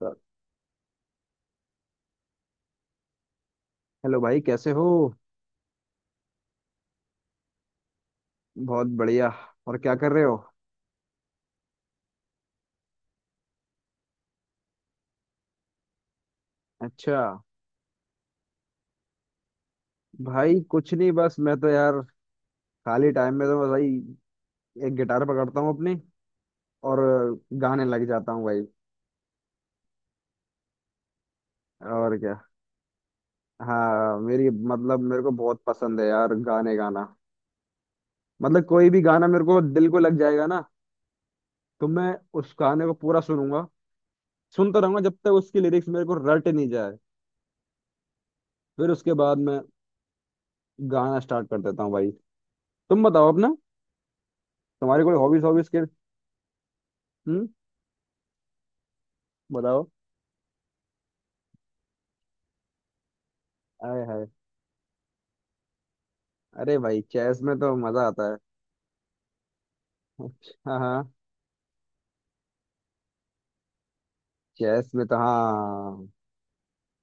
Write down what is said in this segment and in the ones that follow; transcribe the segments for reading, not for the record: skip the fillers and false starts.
Sir. Hello भाई कैसे हो। बहुत बढ़िया। और क्या कर रहे हो। अच्छा। भाई कुछ नहीं, बस मैं तो यार खाली टाइम में तो भाई एक गिटार पकड़ता हूँ अपनी, और गाने लग जाता हूँ भाई। और क्या। हाँ, मेरी मतलब मेरे को बहुत पसंद है यार गाने गाना। मतलब कोई भी गाना मेरे को दिल को लग जाएगा ना। तो मैं उस गाने को पूरा सुनूंगा, सुनता रहूंगा जब तक उसकी लिरिक्स मेरे को रट नहीं जाए। फिर उसके बाद मैं गाना स्टार्ट कर देता हूँ भाई। तुम बताओ अपना, तुम्हारी कोई हॉबीज हॉबीज के। हम्म, बताओ। आए हाय। अरे भाई चेस में तो मजा आता है। हाँ हाँ, चेस में तो, हाँ,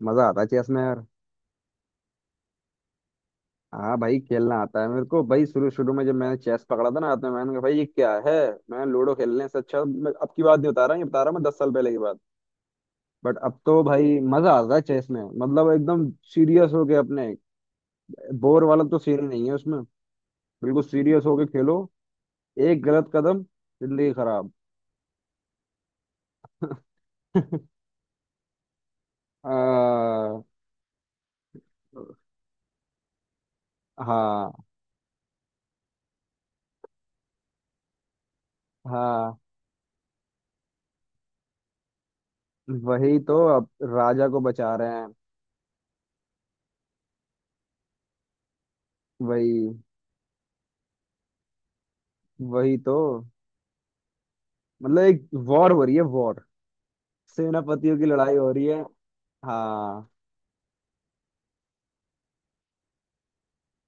मजा आता है चेस में यार। हाँ भाई खेलना आता है मेरे को भाई। शुरू शुरू में जब मैंने चेस पकड़ा था ना हाथ में, मैंने कहा भाई ये क्या है। मैं लूडो खेलने से अच्छा, मैं अब की बात नहीं बता रहा, ये बता रहा मैं 10 साल पहले की बात। बट अब तो भाई मजा आता है चेस में, मतलब एकदम सीरियस होके अपने, बोर वाला तो सीन ही नहीं है उसमें। बिल्कुल सीरियस होके खेलो। एक गलत कदम, जिंदगी खराब। आ, हाँ हाँ। वही तो, अब राजा को बचा रहे हैं। वही वही तो। मतलब एक वॉर हो रही है, वॉर, सेनापतियों की लड़ाई हो रही है। हाँ।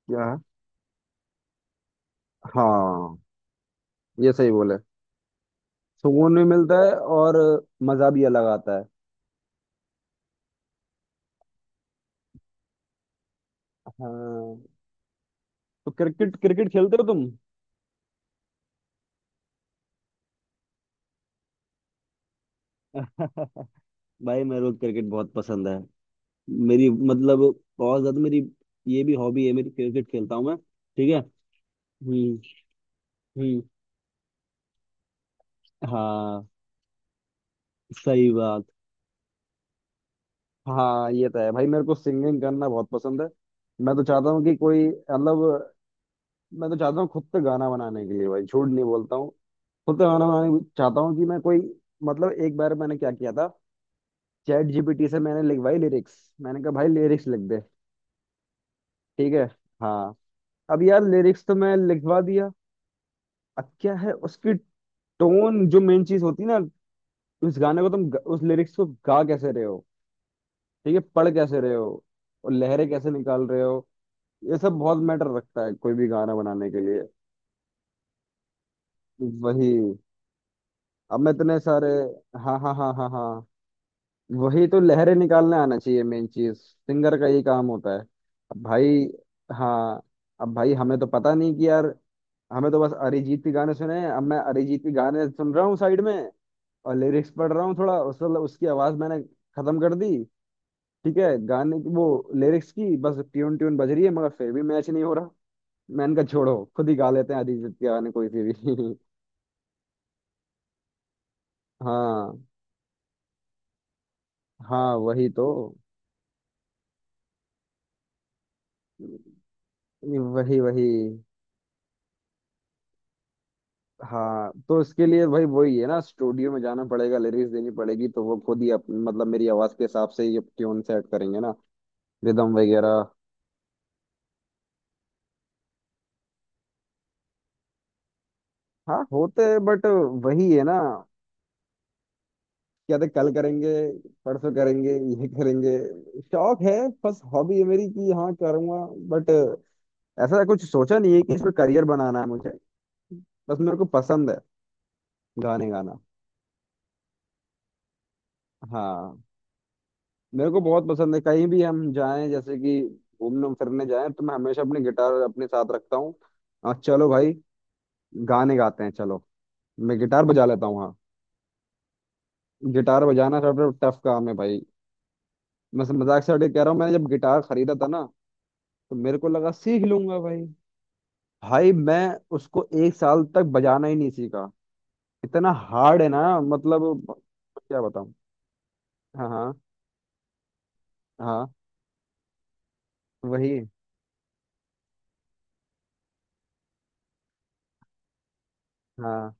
क्या। हाँ, ये सही बोले। सुकून भी मिलता है और मजा भी अलग आता है। हाँ। तो क्रिकेट, क्रिकेट खेलते हो तुम। भाई मेरे को क्रिकेट बहुत पसंद है। मेरी मतलब बहुत ज्यादा मेरी। ये भी हॉबी है मेरी, क्रिकेट खेलता हूँ मैं, ठीक है। हम्म। हम्म। हाँ सही बात। हाँ ये तो है भाई। मेरे को सिंगिंग करना बहुत पसंद है। मैं तो चाहता हूँ कि कोई, मतलब मैं तो चाहता हूँ खुद से गाना बनाने के लिए भाई, झूठ नहीं बोलता हूँ। खुद से गाना बनाने चाहता हूँ कि मैं कोई, मतलब एक बार मैंने क्या किया था। चैट जीपीटी से मैंने लिखवाई लिरिक्स। मैंने कहा भाई लिरिक्स लिख दे। ठीक है। हाँ। अब यार लिरिक्स तो मैं लिखवा दिया। अब क्या है उसकी टोन, जो मेन चीज होती है ना। उस गाने को तुम उस लिरिक्स को गा कैसे रहे हो। ठीक है। पढ़ कैसे रहे हो। और लहरें कैसे निकाल रहे हो। ये सब बहुत मैटर रखता है कोई भी गाना बनाने के लिए। वही। अब मैं इतने सारे, हाँ हाँ हाँ हाँ हाँ। वही तो, लहरें निकालने आना चाहिए। मेन चीज सिंगर का ये काम होता है। अब भाई। हाँ। अब भाई हमें तो पता नहीं कि यार, हमें तो बस अरिजीत के गाने सुने हैं। अब मैं अरिजीत के गाने सुन रहा हूँ साइड में, और लिरिक्स पढ़ रहा हूँ थोड़ा, उस उसकी आवाज मैंने खत्म कर दी। ठीक है। गाने की वो, लिरिक्स की बस ट्यून ट्यून बज रही है, मगर फिर भी मैच नहीं हो रहा। मैंने कहा छोड़ो, खुद ही गा लेते हैं अरिजीत के गाने कोई से भी। हाँ। हाँ वही तो। वही वही। हाँ तो इसके लिए भाई वही है ना, स्टूडियो में जाना पड़ेगा, लिरिक्स देनी पड़ेगी। तो वो खुद ही मतलब मेरी आवाज के हिसाब से ये ट्यून सेट करेंगे ना, रिदम वगैरह। हाँ होते हैं, बट वही है ना। क्या थे, कल करेंगे, परसों करेंगे, ये करेंगे। शौक है, बस हॉबी है मेरी कि हाँ करूंगा, बट ऐसा कुछ सोचा नहीं है कि इसमें करियर बनाना है मुझे। बस मेरे को पसंद है गाने गाना। हाँ। मेरे को बहुत पसंद है, कहीं भी हम जाएं, जैसे कि घूमने फिरने जाएं, तो मैं हमेशा अपनी गिटार अपने साथ रखता हूँ। और चलो भाई, गाने गाते हैं, चलो। मैं गिटार बजा लेता हूँ। हाँ। गिटार बजाना सबसे टफ काम है भाई। मैं मजाक से हटके कह रहा हूँ, मैंने जब गिटार खरीदा था ना, तो मेरे को लगा सीख लूंगा भाई। भाई मैं उसको एक साल तक बजाना ही नहीं सीखा। इतना हार्ड है ना मतलब, क्या बताऊँ। हाँ हाँ हाँ, वही। हाँ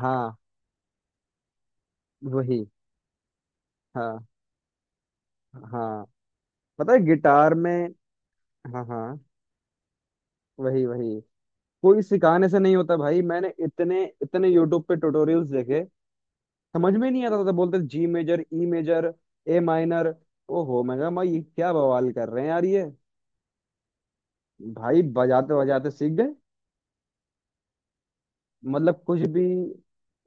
हाँ, वही। हाँ हाँ, पता है गिटार में। हाँ हाँ वही वही। कोई सिखाने से नहीं होता भाई। मैंने इतने इतने यूट्यूब पे ट्यूटोरियल्स देखे। समझ में नहीं आता था, बोलते जी, major, E major, A minor. ओहो, मैं कहा भाई ये क्या बवाल कर रहे हैं यार ये। भाई बजाते बजाते सीख गए, मतलब कुछ भी।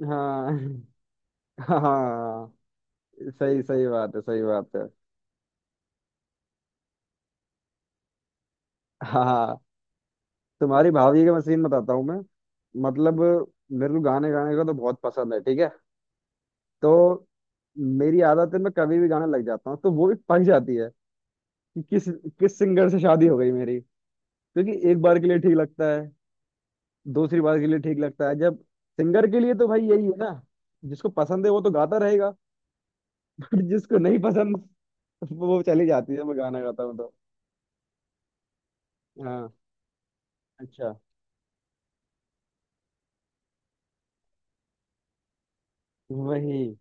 हाँ। हाँ, सही सही बात है, सही बात है। हाँ हाँ, तुम्हारी भाभी का मशीन बताता हूँ मैं। मतलब मेरे को गाने गाने का तो बहुत पसंद है, ठीक है। तो मेरी आदत है, मैं कभी भी गाना लग जाता हूँ, तो वो भी पक जाती है कि किस किस सिंगर से शादी हो गई मेरी। क्योंकि एक बार के लिए ठीक लगता है, दूसरी बार के लिए ठीक लगता है जब, सिंगर के लिए तो भाई यही है ना, जिसको पसंद है वो तो गाता रहेगा। बट जिसको नहीं पसंद, वो चली जाती है मैं गाना गाता हूँ तो। हाँ अच्छा, वही।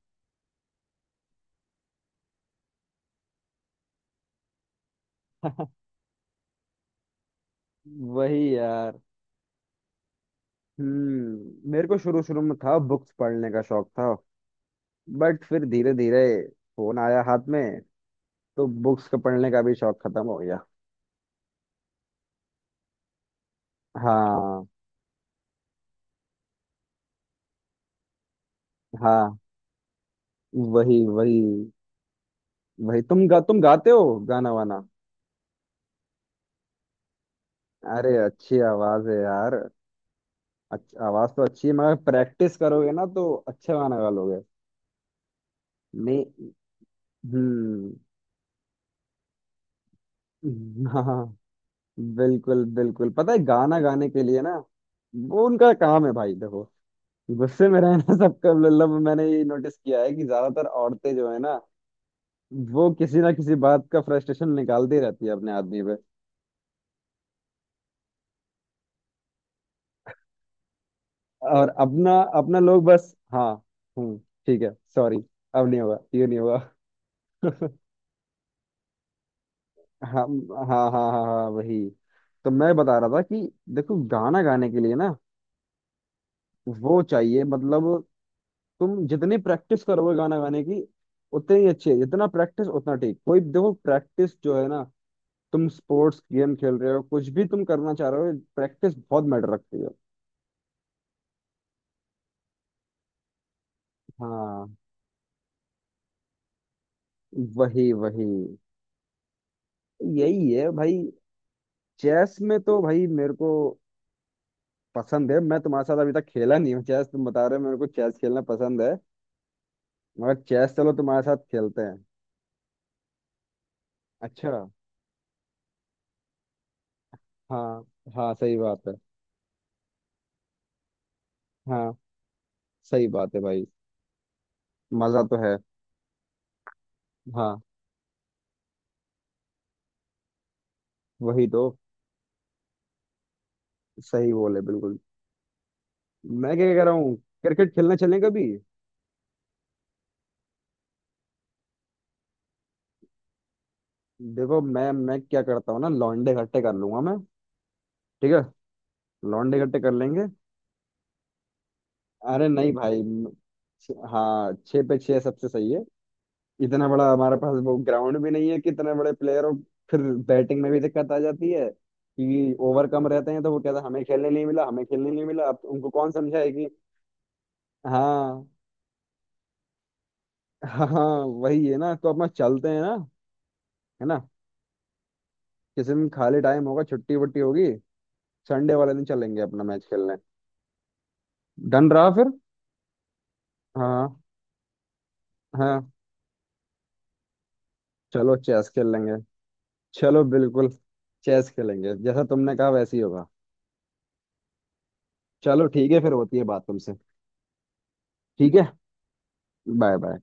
वही यार। हम्म, मेरे को शुरू शुरू में था, बुक्स पढ़ने का शौक था, बट फिर धीरे धीरे फोन आया हाथ में, तो बुक्स का पढ़ने का भी शौक खत्म हो गया। हाँ हाँ, वही वही। वही तुम तुम गाते हो गाना वाना। अरे अच्छी आवाज है यार। आवाज तो अच्छी है, मगर प्रैक्टिस करोगे ना तो अच्छा गाना गा लोगे। नहीं। हम्म। हाँ। बिल्कुल बिल्कुल, पता है गाना गाने के लिए ना। वो उनका काम है भाई देखो, गुस्से में रहना। सबका, मतलब मैंने ये नोटिस किया है कि ज्यादातर औरतें जो है ना, वो किसी ना किसी बात का फ्रस्ट्रेशन निकालती रहती है अपने आदमी पे। और अपना, अपना लोग बस, हाँ। हम्म। ठीक है सॉरी, अब नहीं होगा, ये नहीं होगा। हाँ हाँ हाँ हाँ हाँ। वही तो, मैं बता रहा था कि देखो, गाना गाने के लिए ना, वो चाहिए मतलब, तुम जितनी प्रैक्टिस करोगे गाना गाने की, उतनी ही अच्छी है। जितना प्रैक्टिस उतना ठीक। कोई देखो, प्रैक्टिस जो है ना, तुम स्पोर्ट्स गेम खेल रहे हो, कुछ भी तुम करना चाह रहे हो, प्रैक्टिस बहुत मैटर रखती है। हाँ, वही वही, यही है भाई। चेस में तो भाई मेरे को पसंद है। मैं तुम्हारे साथ अभी तक खेला नहीं हूँ चेस, तुम बता रहे हो मेरे को चेस खेलना पसंद है। मगर चेस, चलो तुम्हारे साथ खेलते हैं। अच्छा। हाँ हाँ, सही बात है। हाँ सही बात है भाई। मजा तो है। हाँ, वही तो। सही बोले बिल्कुल। मैं क्या कह रहा हूँ, क्रिकेट खेलने चलें कभी। देखो, मैं क्या करता हूँ ना, लौंडे इकट्ठे कर लूंगा मैं। ठीक है, लौंडे इकट्ठे कर लेंगे। अरे नहीं भाई हाँ, छः पे छः सबसे सही है। इतना बड़ा हमारे पास वो ग्राउंड भी नहीं है कि इतने बड़े प्लेयर हो। फिर बैटिंग में भी दिक्कत आ जाती है कि ओवर कम रहते हैं, तो वो कहता है हमें खेलने नहीं मिला, हमें खेलने नहीं मिला। अब उनको कौन समझाए कि, हाँ हाँ, वही है ना, तो अपना चलते हैं ना, है ना। किसी दिन खाली टाइम होगा, छुट्टी वट्टी होगी, संडे वाले दिन चलेंगे अपना मैच खेलने। डन रहा फिर। हाँ हाँ, चलो चेस खेल लेंगे, चलो बिल्कुल। चेस खेलेंगे, जैसा तुमने कहा वैसे ही होगा। चलो ठीक है, फिर होती है बात तुमसे। ठीक है। Bye bye.